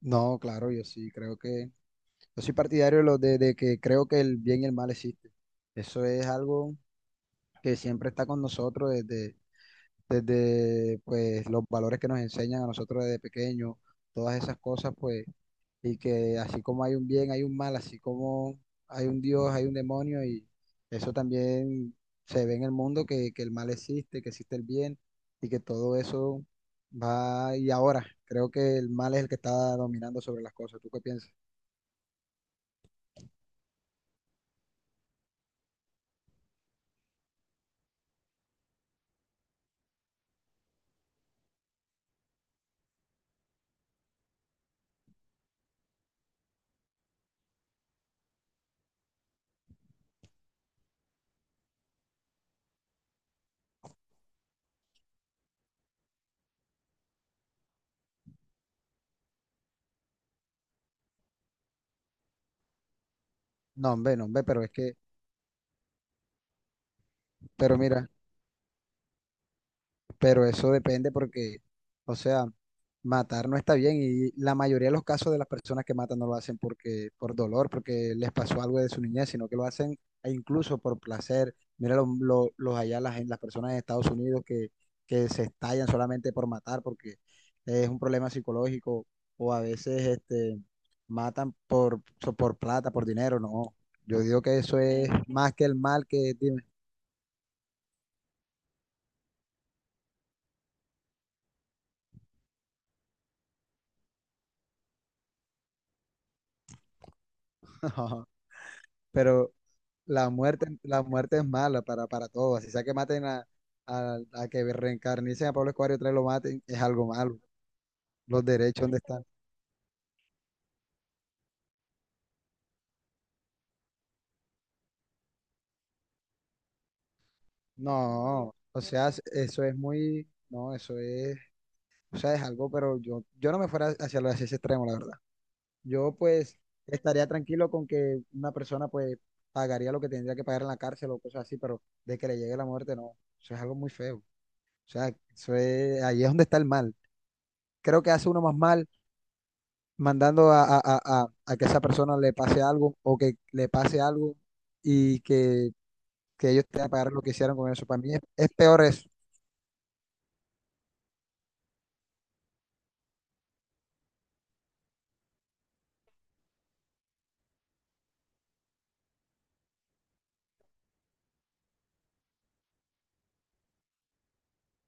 No, claro, yo sí creo que, yo soy partidario de que creo que el bien y el mal existen. Eso es algo que siempre está con nosotros desde pues, los valores que nos enseñan a nosotros desde pequeños, todas esas cosas, pues, y que así como hay un bien, hay un mal, así como hay un Dios, hay un demonio, y eso también se ve en el mundo, que el mal existe, que existe el bien, y que todo eso va, y ahora creo que el mal es el que está dominando sobre las cosas. ¿Tú qué piensas? No, hombre, no, hombre, pero es que, pero mira, pero eso depende porque, o sea, matar no está bien y la mayoría de los casos de las personas que matan no lo hacen porque, por dolor, porque les pasó algo de su niñez, sino que lo hacen e incluso por placer. Mira los allá, las, las personas en Estados Unidos que se estallan solamente por matar porque es un problema psicológico o a veces este, matan por plata, por dinero, no. Yo digo que eso es más que el mal que, dime. Pero, la muerte es mala para todos. Si sea que maten a, a que reencarnicen a Pablo Escobar y otra vez lo maten, es algo malo. Los derechos, ¿dónde están? No, o sea, eso es muy, no, eso es, o sea, es algo, pero yo no me fuera hacia ese extremo, la verdad. Yo pues estaría tranquilo con que una persona pues pagaría lo que tendría que pagar en la cárcel o cosas así, pero de que le llegue la muerte, no, eso es algo muy feo. O sea, eso es, ahí es donde está el mal. Creo que hace uno más mal mandando a, a que esa persona le pase algo o que le pase algo y que, ellos tengan que pagar lo que hicieron con eso. Para mí es peor eso.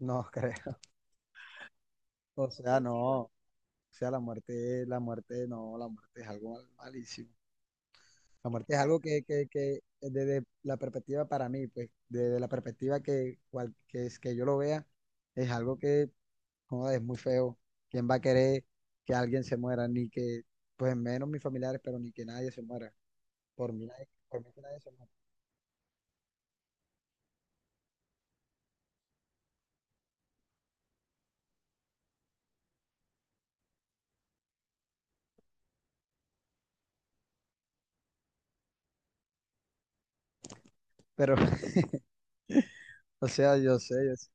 No, creo. O sea, no. O sea, la muerte, no, la muerte es algo malísimo. La muerte es algo que desde la perspectiva para mí, pues, desde la perspectiva que yo lo vea, es algo joder, es muy feo. ¿Quién va a querer que alguien se muera? Ni que, pues menos mis familiares, pero ni que nadie se muera. Por mí, nadie- por mí que nadie se mate. Pero, o sea, yo sé, yo sé.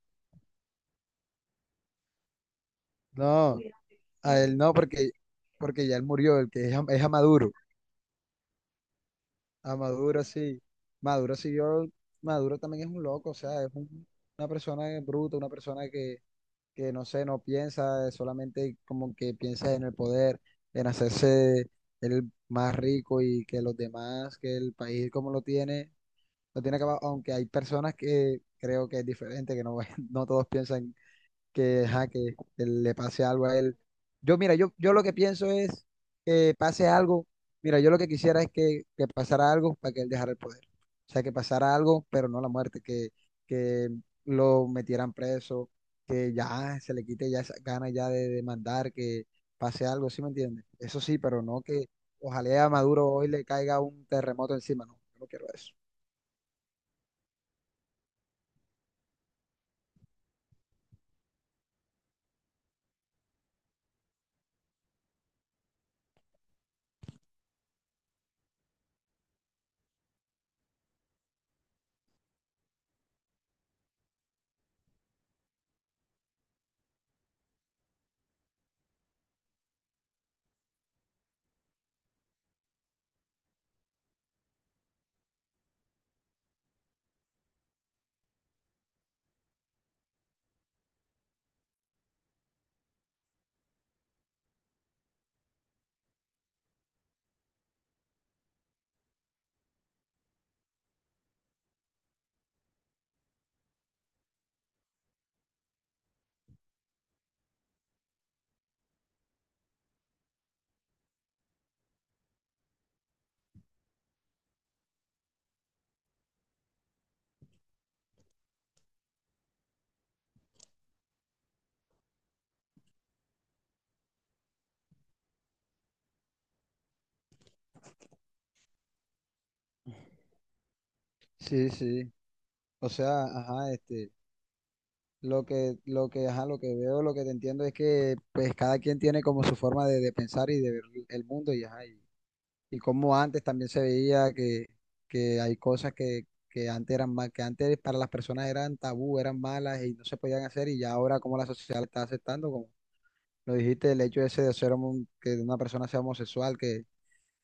No, a él no, porque, ya él murió, el que es a Maduro. A Maduro sí. Maduro siguió, Maduro también es un loco, o sea, es una persona bruta, una persona que no sé, no piensa, solamente como que piensa en el poder, en hacerse el más rico y que los demás, que el país como lo tiene acabado, aunque hay personas que creo que es diferente, que no, no todos piensan que, ajá, que le pase algo a él. Yo, mira, yo lo que pienso es que pase algo. Mira, yo lo que quisiera es que pasara algo para que él dejara el poder. O sea, que pasara algo, pero no la muerte, que lo metieran preso, que ya se le quite ya esa gana ya de demandar, que pase algo, ¿sí me entiendes? Eso sí, pero no que ojalá a Maduro hoy le caiga un terremoto encima, no, yo no quiero eso. Sí, sí. O sea, ajá, este. Lo que, ajá, lo que veo, lo que te entiendo es que pues cada quien tiene como su forma de pensar y de ver el mundo y, ajá, y como antes también se veía que, hay cosas que antes eran mal, que antes para las personas eran tabú, eran malas y no se podían hacer y ya ahora como la sociedad lo está aceptando, como lo dijiste, el hecho ese de ser que una persona sea homosexual, que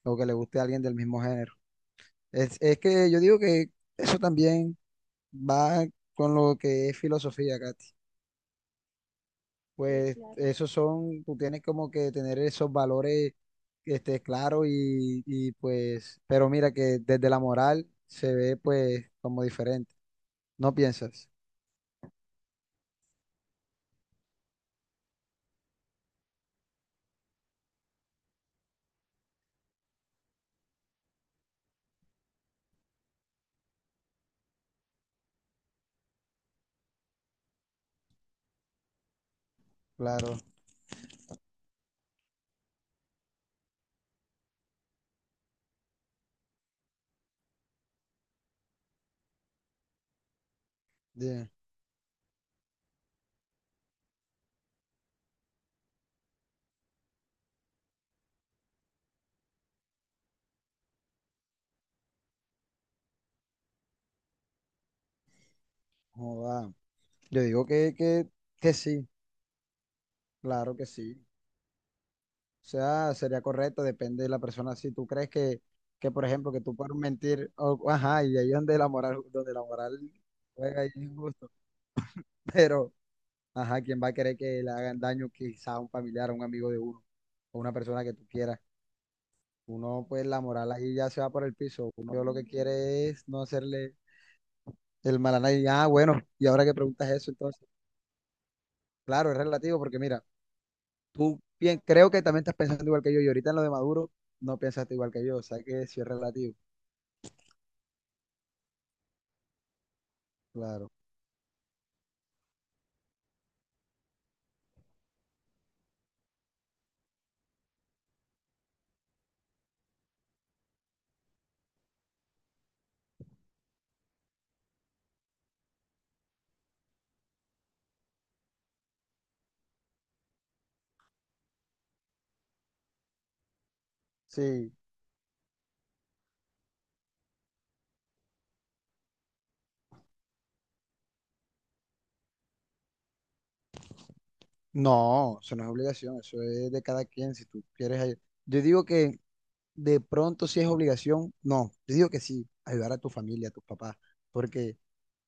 o que le guste a alguien del mismo género. Es que yo digo que eso también va con lo que es filosofía, Katy. Pues claro. Esos son, tú tienes como que tener esos valores este, claros y pues, pero mira que desde la moral se ve pues como diferente, ¿no piensas? Claro, bien, joda. Yo digo que, que sí, claro que sí. O sea, sería correcto, depende de la persona. Si tú crees que por ejemplo, que tú puedes mentir, ajá, y ahí es donde la moral juega y es injusto, pero... Ajá, ¿quién va a querer que le hagan daño quizá a un familiar, a un amigo de uno, o una persona que tú quieras? Uno, pues la moral ahí ya se va por el piso. Uno lo que quiere es no hacerle el mal a nadie. Ah, bueno, y ahora que preguntas eso, entonces, claro, es relativo, porque mira, tú bien, creo que también estás pensando igual que yo, y ahorita en lo de Maduro no pensaste igual que yo, o sea que sí es relativo, claro. Sí, no, eso no es obligación, eso es de cada quien, si tú quieres. Yo digo que de pronto si es obligación, no, yo digo que sí, ayudar a tu familia, a tus papás, porque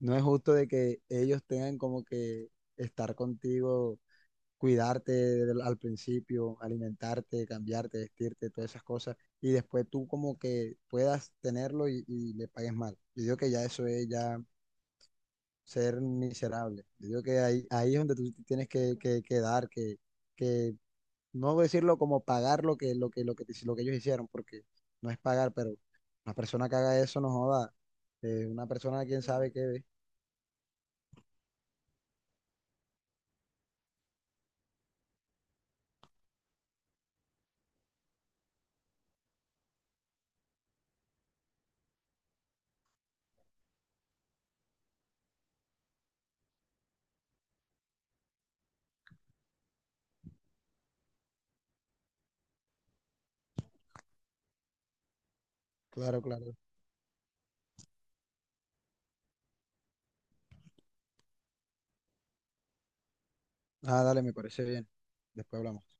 no es justo de que ellos tengan como que estar contigo, cuidarte al principio, alimentarte, cambiarte, vestirte, todas esas cosas, y después tú como que puedas tenerlo y le pagues mal. Yo digo que ya eso es ya ser miserable. Yo digo que ahí, ahí es donde tú te tienes que, que dar, que no decirlo como pagar lo que, lo que ellos hicieron, porque no es pagar, pero una persona que haga eso no joda. Una persona, quién sabe qué ve. Claro, claro. Ah, dale, me parece bien. Después hablamos.